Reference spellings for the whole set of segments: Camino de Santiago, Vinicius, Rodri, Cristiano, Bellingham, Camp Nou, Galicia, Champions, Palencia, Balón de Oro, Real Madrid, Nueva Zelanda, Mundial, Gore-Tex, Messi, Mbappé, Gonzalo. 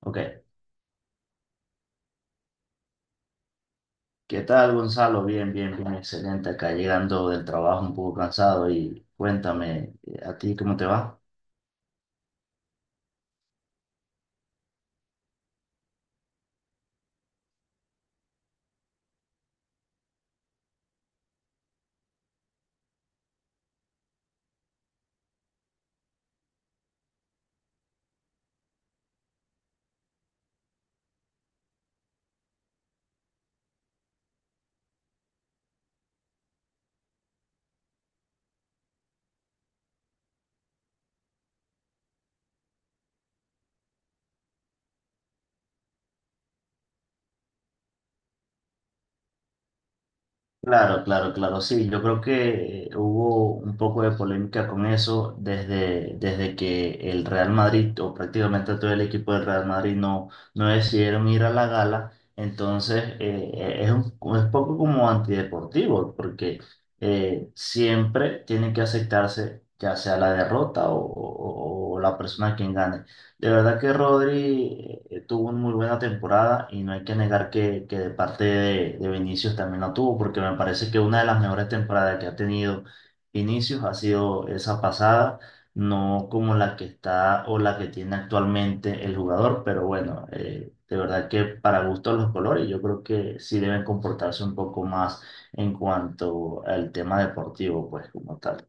Ok, ¿qué tal Gonzalo? Bien, bien, bien, excelente. Acá llegando del trabajo un poco cansado y cuéntame, ¿a ti cómo te va? Claro, claro, claro, sí, yo creo que hubo un poco de polémica con eso desde, desde que el Real Madrid o prácticamente todo el equipo del Real Madrid no, no decidieron ir a la gala, entonces es un, es poco como antideportivo porque siempre tiene que aceptarse ya sea la derrota o, o la persona quien gane. De verdad que Rodri tuvo una muy buena temporada y no hay que negar que de parte de Vinicius también la tuvo, porque me parece que una de las mejores temporadas que ha tenido Vinicius ha sido esa pasada, no como la que está o la que tiene actualmente el jugador, pero bueno, de verdad que para gustos los colores, yo creo que sí deben comportarse un poco más en cuanto al tema deportivo, pues como tal.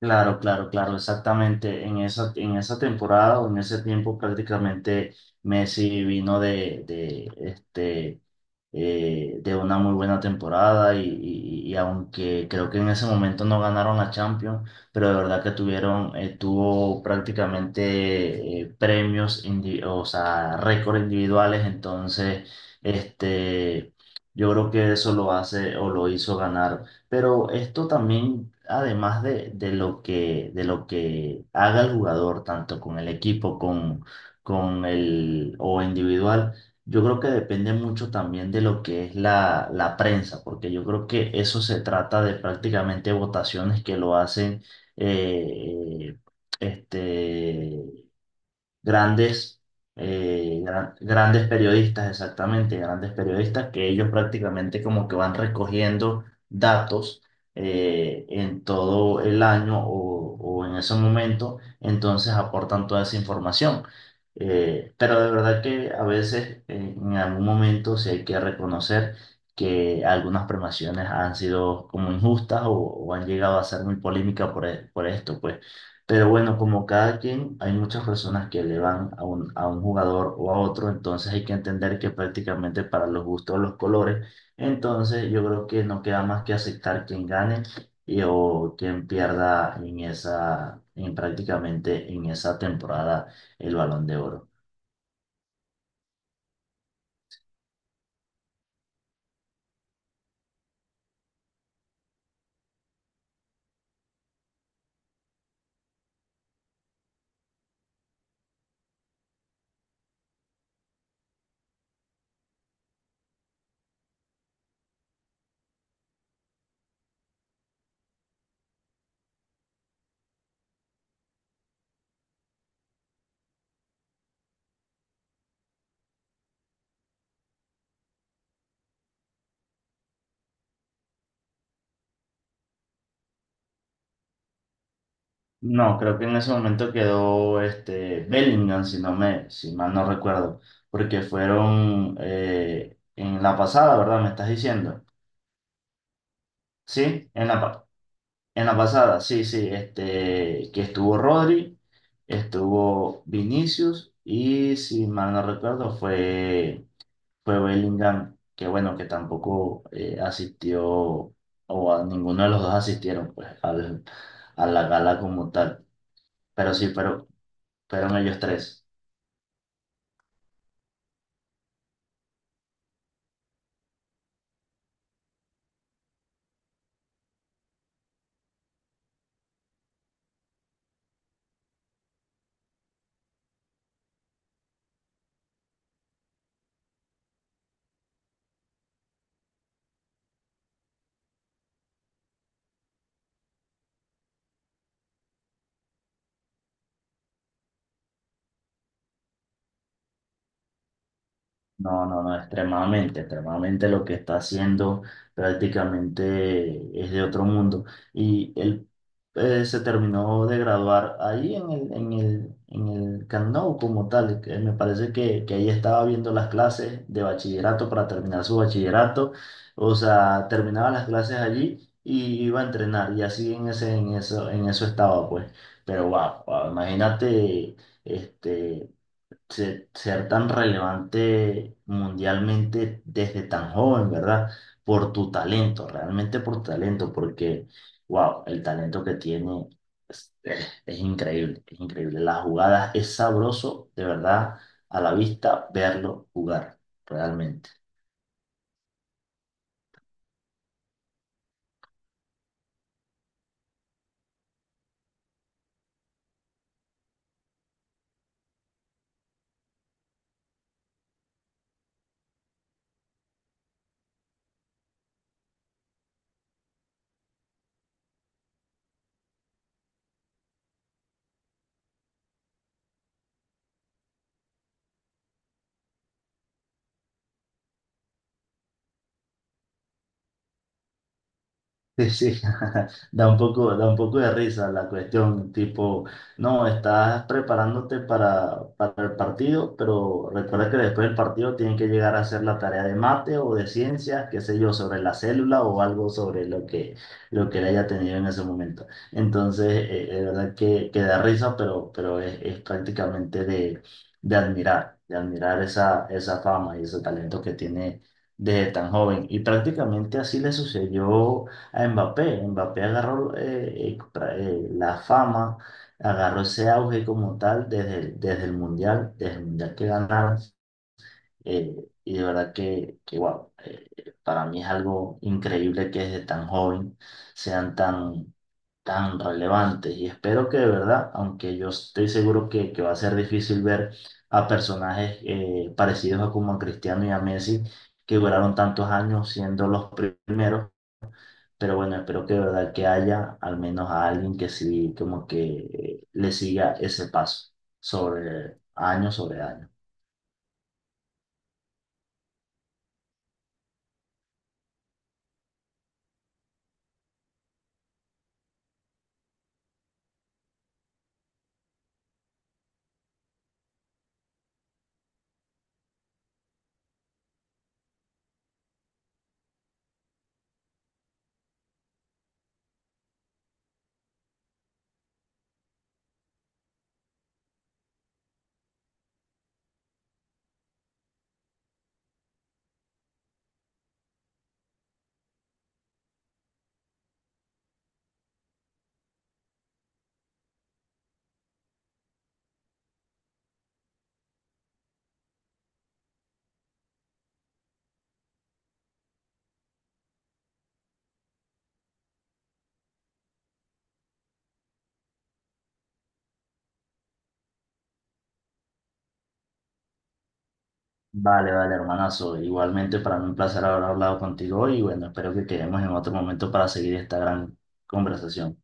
Claro, claro, claro, exactamente. En esa temporada o en ese tiempo prácticamente Messi vino de, de una muy buena temporada y, y aunque creo que en ese momento no ganaron la Champions, pero de verdad que tuvieron, tuvo prácticamente premios, o sea, récords individuales, entonces, este, yo creo que eso lo hace o lo hizo ganar pero esto también, además de lo que haga el jugador, tanto con el equipo, con el o individual, yo creo que depende mucho también de lo que es la, la prensa, porque yo creo que eso se trata de prácticamente votaciones que lo hacen eh, este, grandes, grandes periodistas, exactamente, grandes periodistas, que ellos prácticamente como que van recogiendo datos en todo el año o en ese momento, entonces aportan toda esa información. Pero de verdad que a veces en algún momento sí hay que reconocer que algunas premiaciones han sido como injustas o han llegado a ser muy polémicas por, por esto, pues. Pero bueno, como cada quien, hay muchas personas que le van a un jugador o a otro, entonces hay que entender que prácticamente para los gustos los colores, entonces yo creo que no queda más que aceptar quien gane y, o quien pierda en esa, en prácticamente en esa temporada el Balón de Oro. No, creo que en ese momento quedó este Bellingham, si no me, si mal no recuerdo, porque fueron en la pasada, ¿verdad? ¿Me estás diciendo? Sí, en la, en la pasada, sí, sí, este, que estuvo Rodri, estuvo Vinicius y si mal no recuerdo fue, fue Bellingham, que bueno, que tampoco asistió o a ninguno de los dos asistieron pues al, a la gala como tal, pero sí, pero fueron ellos tres. No, no, no, extremadamente, extremadamente lo que está haciendo prácticamente es de otro mundo. Y él se terminó de graduar ahí en el, en el, en el Camp Nou como tal. Que me parece que ahí estaba viendo las clases de bachillerato para terminar su bachillerato. O sea, terminaba las clases allí y iba a entrenar. Y así en ese, en eso estaba, pues. Pero wow, wow, imagínate, este ser tan relevante mundialmente desde tan joven, ¿verdad? Por tu talento, realmente por tu talento, porque, wow, el talento que tiene es, es increíble, es increíble. Las jugadas, es sabroso, de verdad, a la vista, verlo jugar, realmente. Sí, sí, da un poco de risa la cuestión, tipo, no, estás preparándote para el partido, pero recuerda que después del partido tienen que llegar a hacer la tarea de mate o de ciencias, qué sé yo, sobre la célula o algo sobre lo que le haya tenido en ese momento. Entonces, de verdad que da risa, pero es prácticamente de admirar esa, esa fama y ese talento que tiene desde tan joven. Y prácticamente así le sucedió a Mbappé. Mbappé agarró la fama, agarró ese auge como tal desde, desde el Mundial que ganaron. eh, y de verdad que wow, para mí es algo increíble que desde tan joven sean tan, tan relevantes. Y espero que de verdad, aunque yo estoy seguro que va a ser difícil ver a personajes parecidos a como a Cristiano y a Messi, que duraron tantos años siendo los primeros pero bueno, espero que de verdad que haya al menos a alguien que sí, como que le siga ese paso sobre año sobre año. Vale, vale, hermanazo. Igualmente para mí un placer haber hablado contigo hoy y bueno, espero que quedemos en otro momento para seguir esta gran conversación.